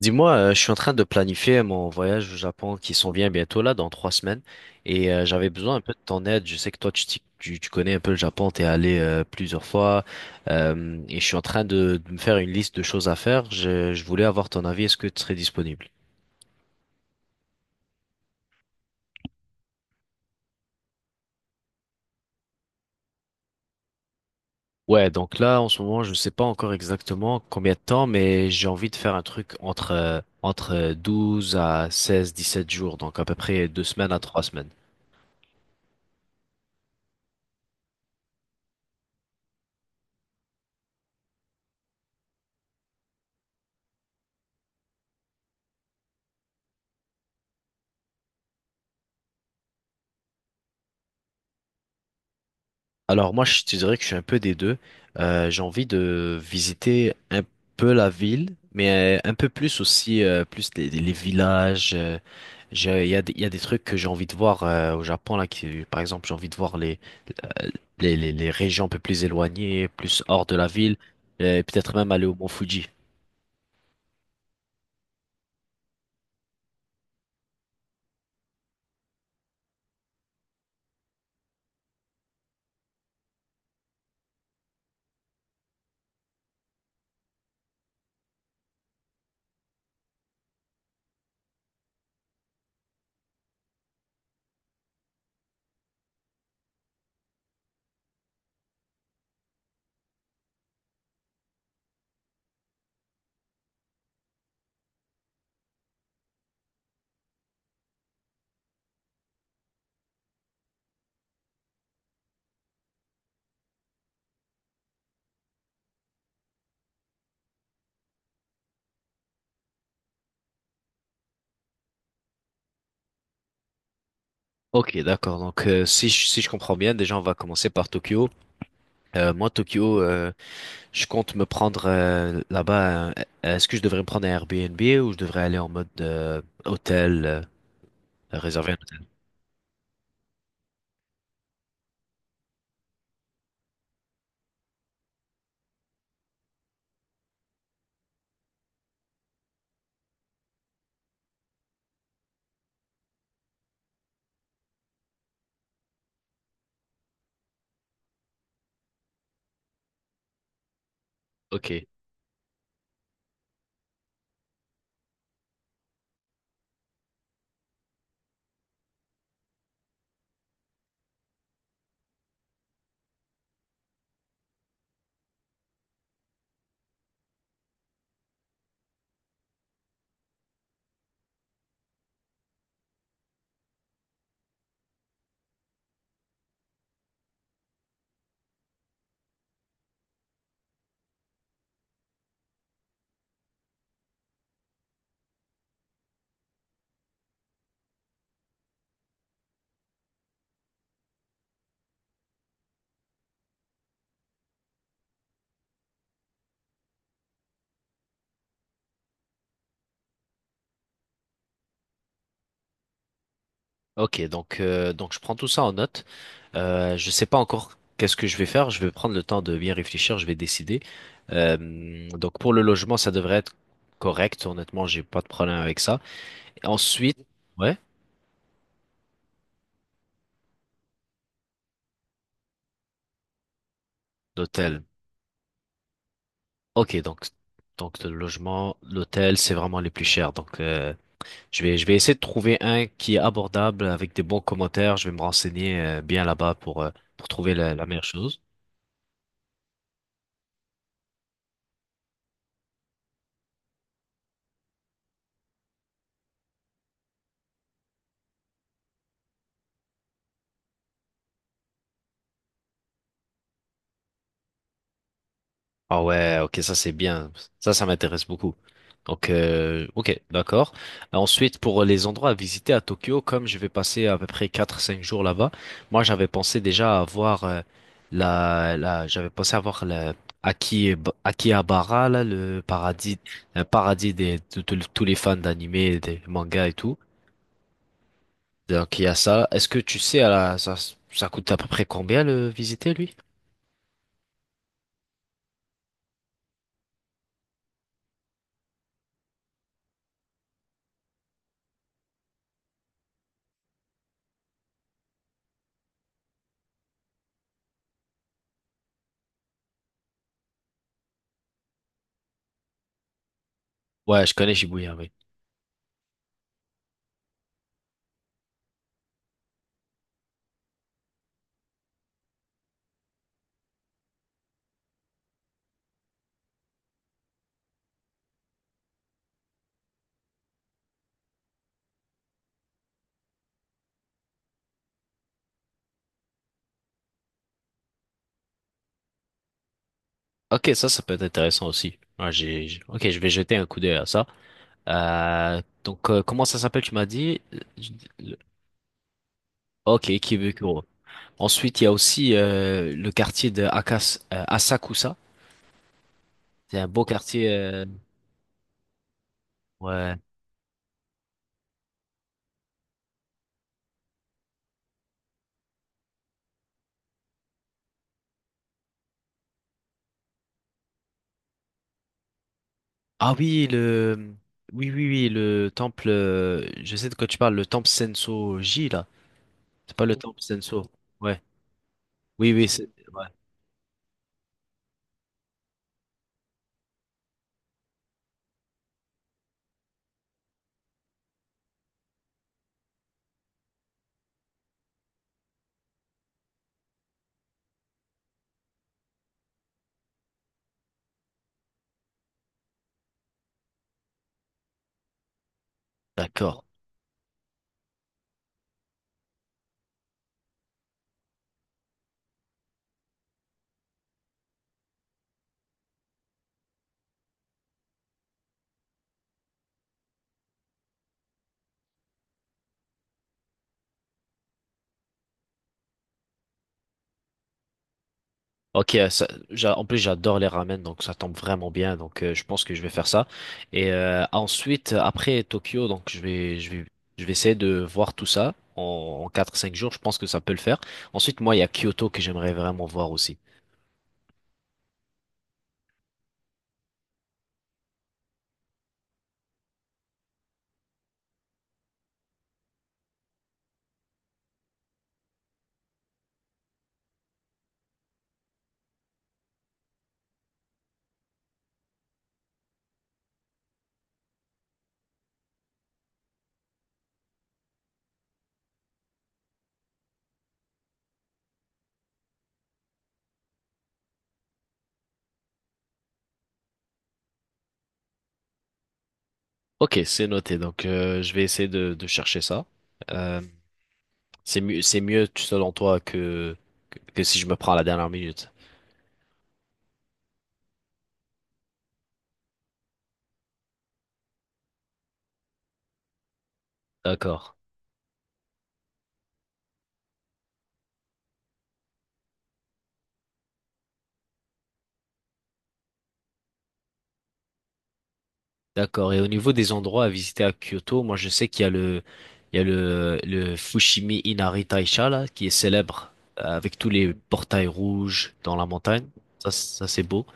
Dis-moi, je suis en train de planifier mon voyage au Japon qui s'en vient bientôt là, dans 3 semaines, et j'avais besoin un peu de ton aide. Je sais que toi, tu connais un peu le Japon, t'es allé plusieurs fois, et je suis en train de me faire une liste de choses à faire. Je voulais avoir ton avis. Est-ce que tu serais disponible? Ouais, donc là, en ce moment, je ne sais pas encore exactement combien de temps, mais j'ai envie de faire un truc entre 12 à 16, 17 jours, donc à peu près 2 semaines à 3 semaines. Alors moi, je te dirais que je suis un peu des deux. J'ai envie de visiter un peu la ville, mais un peu plus aussi, plus les villages. Il y a, il y a des trucs que j'ai envie de voir au Japon, là, qui, par exemple, j'ai envie de voir euh, les régions un peu plus éloignées, plus hors de la ville, et peut-être même aller au Mont Fuji. Ok, d'accord. Donc, si si je comprends bien, déjà, on va commencer par Tokyo. Moi, Tokyo, je compte me prendre là-bas. Est-ce que je devrais me prendre un Airbnb ou je devrais aller en mode hôtel, réserver un hôtel? Ok, ok. Donc, je prends tout ça en note. Je sais pas encore qu'est-ce que je vais faire. Je vais prendre le temps de bien réfléchir. Je vais décider. Donc, pour le logement, ça devrait être correct. Honnêtement, j'ai pas de problème avec ça. Ensuite, ouais, l'hôtel. Ok, donc le logement, l'hôtel, c'est vraiment les plus chers. Donc je vais essayer de trouver un qui est abordable avec des bons commentaires. Je vais me renseigner bien là-bas pour trouver la meilleure chose. Ah ouais, ok, ça c'est bien. Ça m'intéresse beaucoup. Donc, ok, d'accord. Ensuite, pour les endroits à visiter à Tokyo, comme je vais passer à peu près 4 5 jours là-bas, moi j'avais pensé déjà à voir j'avais pensé à voir la Aki- Akihabara, là, le paradis, un paradis de tous les fans d'animé, des mangas et tout. Donc il y a ça. Est-ce que tu sais, ça coûte à peu près combien le visiter, lui? Ouais, je connais Shibuya, oui. Ok, ça peut être intéressant aussi. Ouais, ok, je vais jeter un coup d'œil à ça. Donc, comment ça s'appelle, tu m'as dit? Le- Ok, Kibukuro. Ensuite, il y a aussi le quartier de Asakusa. C'est un beau quartier. Ouais. Ah oui, le, oui, oui, oui, le temple. Je sais de quoi tu parles. Le temple Sensoji là. C'est pas le temple Senso. Ouais. Oui, oui, c'est. Ouais. D'accord. Ok, en plus j'adore les ramen, donc ça tombe vraiment bien, donc je pense que je vais faire ça. Et ensuite, après Tokyo, je vais essayer de voir tout ça en 4-5 jours, je pense que ça peut le faire. Ensuite, moi, il y a Kyoto que j'aimerais vraiment voir aussi. Ok, c'est noté. Donc, je vais essayer de chercher ça. Euh, c'est mieux selon toi que si je me prends à la dernière minute. D'accord, d'accord. Et au niveau des endroits à visiter à Kyoto, moi je sais qu'il y a le, il y a le Fushimi Inari Taisha là, qui est célèbre avec tous les portails rouges dans la montagne. Ça, ça c'est beau.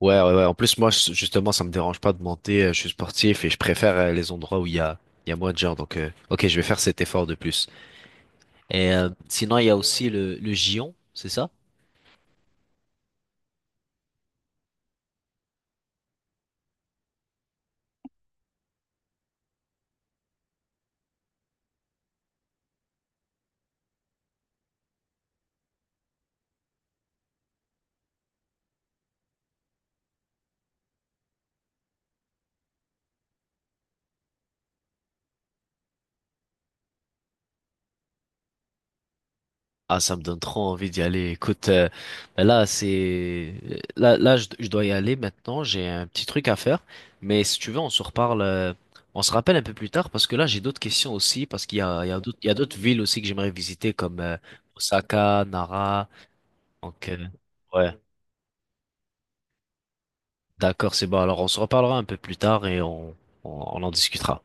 Ouais, ouais, ouais. En plus, moi, justement, ça me dérange pas de monter. Je suis sportif et je préfère les endroits où il y a moins de gens. Donc, ok, je vais faire cet effort de plus. Et sinon, il y a aussi le Gion, c'est ça? Ah, ça me donne trop envie d'y aller. Écoute, ben là, c'est là je dois y aller maintenant. J'ai un petit truc à faire. Mais si tu veux, on se reparle, on se rappelle un peu plus tard parce que là, j'ai d'autres questions aussi. Parce qu'il y a d'autres, il y a d'autres villes aussi que j'aimerais visiter comme Osaka, Nara. Donc, ouais, d'accord, c'est bon. Alors, on se reparlera un peu plus tard et on, on en discutera.